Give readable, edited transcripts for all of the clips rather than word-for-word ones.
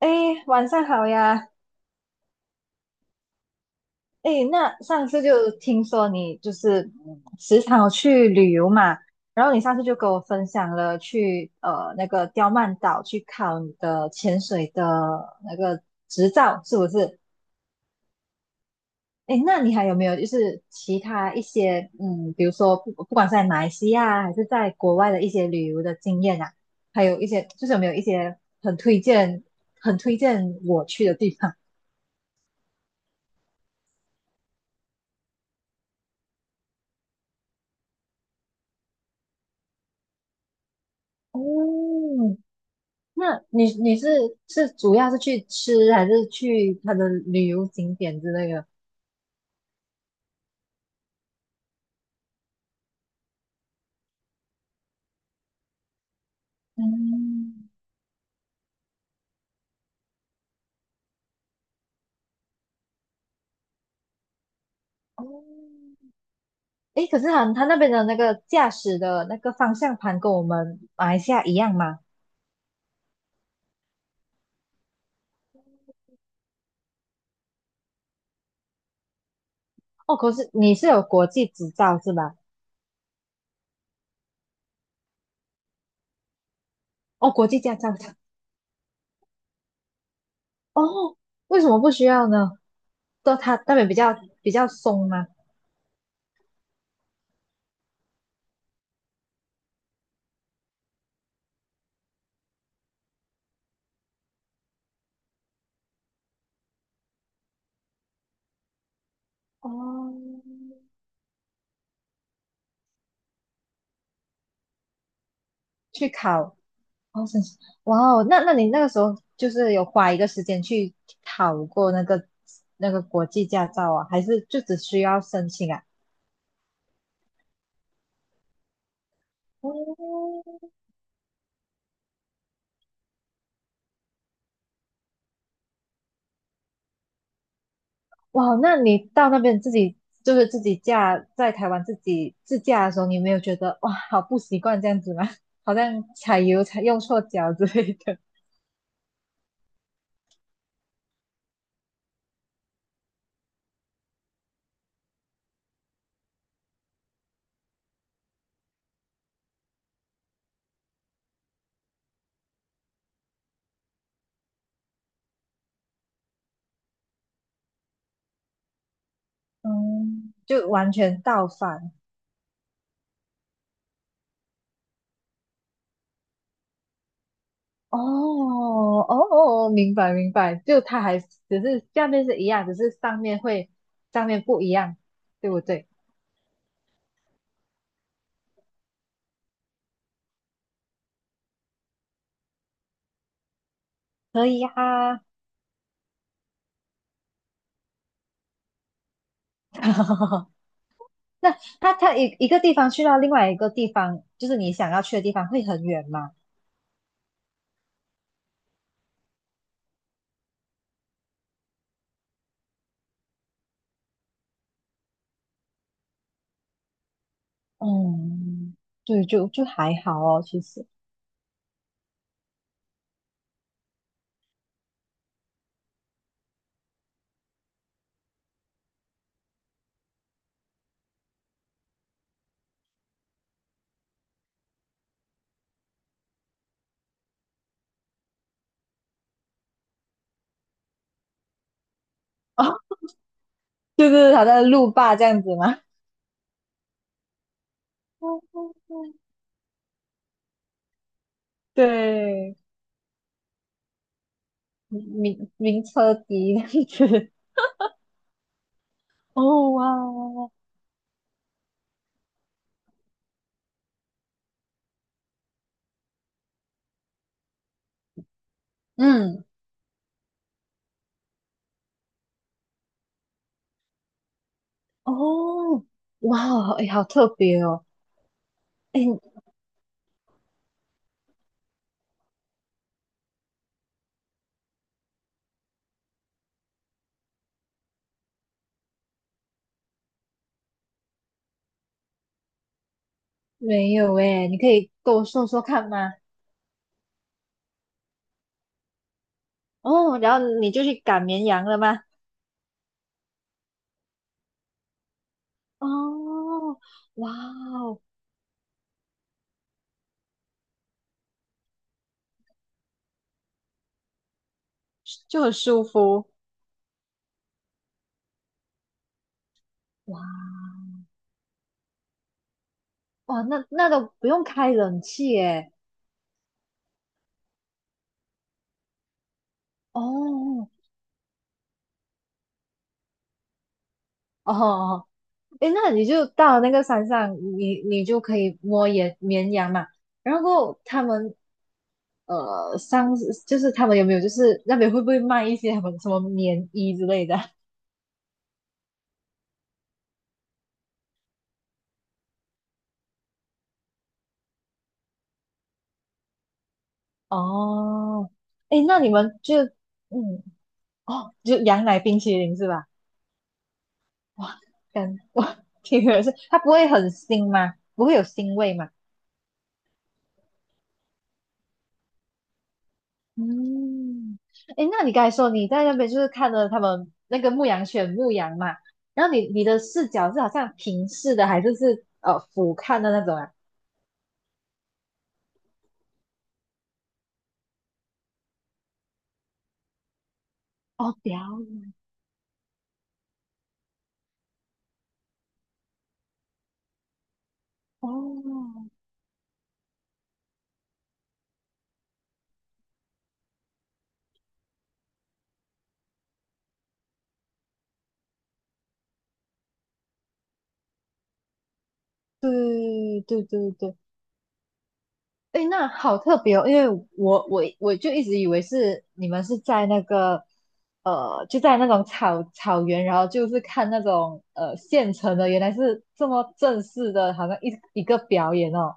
哎，晚上好呀！哎，那上次就听说你就是时常有去旅游嘛，然后你上次就跟我分享了去那个刁曼岛去考你的潜水的那个执照，是不是？哎，那你还有没有就是其他一些，比如说不管是在马来西亚还是在国外的一些旅游的经验啊，还有一些就是有没有一些很推荐我去的地方？哦，那你是是主要是去吃，还是去它的旅游景点之类的？嗯，哦，诶，可是他那边的那个驾驶的那个方向盘跟我们马来西亚一样吗？哦，可是你是有国际执照是吧？哦，国际驾照的。哦，为什么不需要呢？都他那边比较松吗？哦，去考。哦，神奇，哇哦，那你那个时候就是有花一个时间去考过那个国际驾照啊，还是就只需要申请啊？哦，哇，那你到那边自己就是自己驾，在台湾自己自驾的时候，你有没有觉得哇，好不习惯这样子吗？好像踩油踩用错脚之类的，嗯，就完全倒反。哦哦，哦哦，明白明白，就它还只是下面是一样，只是上面不一样，对不对？可以啊。那它一个地方去到另外一个地方，就是你想要去的地方，会很远吗？嗯，对，就还好哦，其实哦，就是好像路霸这样子吗？嗯嗯嗯，对，名车笛这样子。哦哇，嗯。哦，哇哦，哎，好特别哦，哎，没有哎，你可以跟我说说看吗？哦，然后你就去赶绵羊了吗？哦，哇哦，就很舒服，哇哇，那那都不用开冷气哎，哦哦，哎，那你就到那个山上，你你就可以摸野绵羊嘛，然后他们。呃，上就是他们有没有就是那边会不会卖一些什么什么棉衣之类的？哦，哎，那你们就嗯哦，就羊奶冰淇淋是吧？哇，感 哇，听意是它不会很腥吗？不会有腥味吗？嗯，哎，那你刚才说你在那边就是看了他们那个牧羊犬牧羊嘛，然后你的视角是好像平视的，还是是俯瞰的那种啊？哦，表演哦，对对对对，哎，诶那好特别哦，因为我就一直以为是你们是在那个，就在那种草原，然后就是看那种现成的，原来是这么正式的，好像一个表演哦。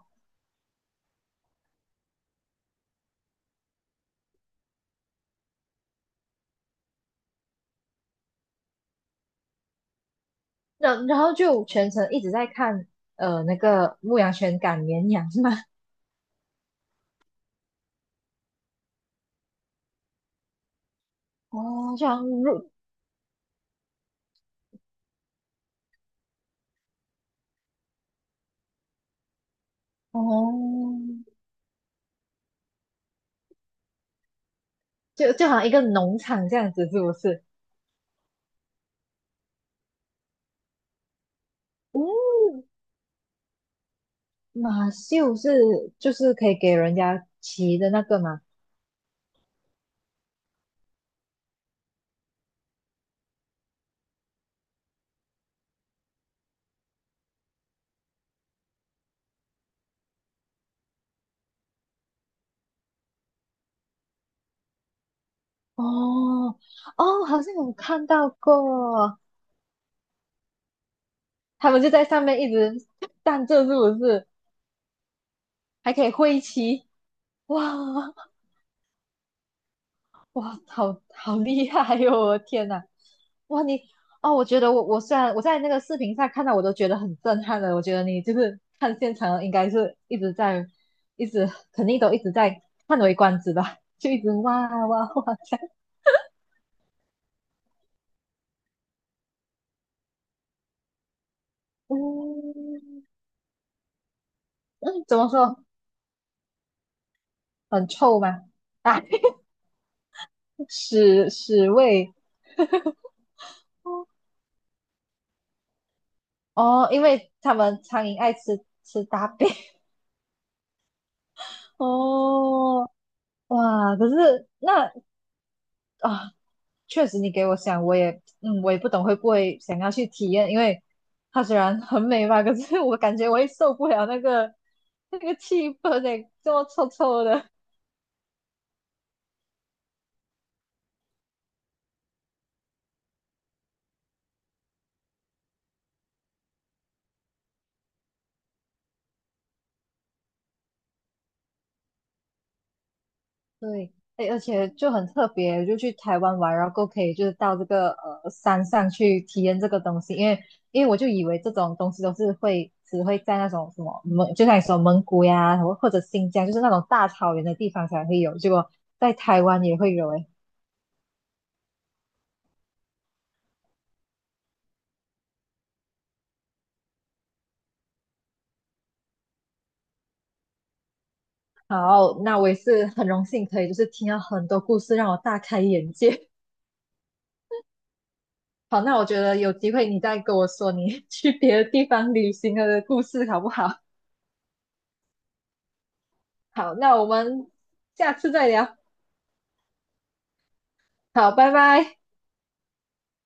然然后就全程一直在看那个牧羊犬赶绵羊是吗？哦，就好像入哦，就就好像一个农场这样子，是不是？嗯，马秀是就是可以给人家骑的那个吗？哦哦，好像有看到过，他们就在上面一直站着，是不是？还可以挥旗，哇哇，好好厉害哟、我的天哪，哇你哦，我觉得我虽然我在那个视频上看到，我都觉得很震撼的。我觉得你就是看现场，应该是一直在一直肯定都一直在叹为观止吧，就一直哇哇哇这样，嗯嗯怎么说？很臭吗？啊，屎屎味。哦，因为他们苍蝇爱吃吃大便。哦，哇，可是那啊，确实你给我想，我也，我也不懂会不会想要去体验，因为它虽然很美吧，可是我感觉我也受不了那个气氛诶，这么臭臭的。对，哎，而且就很特别，就去台湾玩，然后够可以就是到这个山上去体验这个东西，因为我就以为这种东西都是会只会在那种什么蒙，就像你说蒙古呀，或者新疆，就是那种大草原的地方才会有，结果在台湾也会有哎。好，那我也是很荣幸可以就是听到很多故事，让我大开眼界。好，那我觉得有机会你再跟我说你 去别的地方旅行的故事好不好？好，那我们下次再聊。好，拜拜。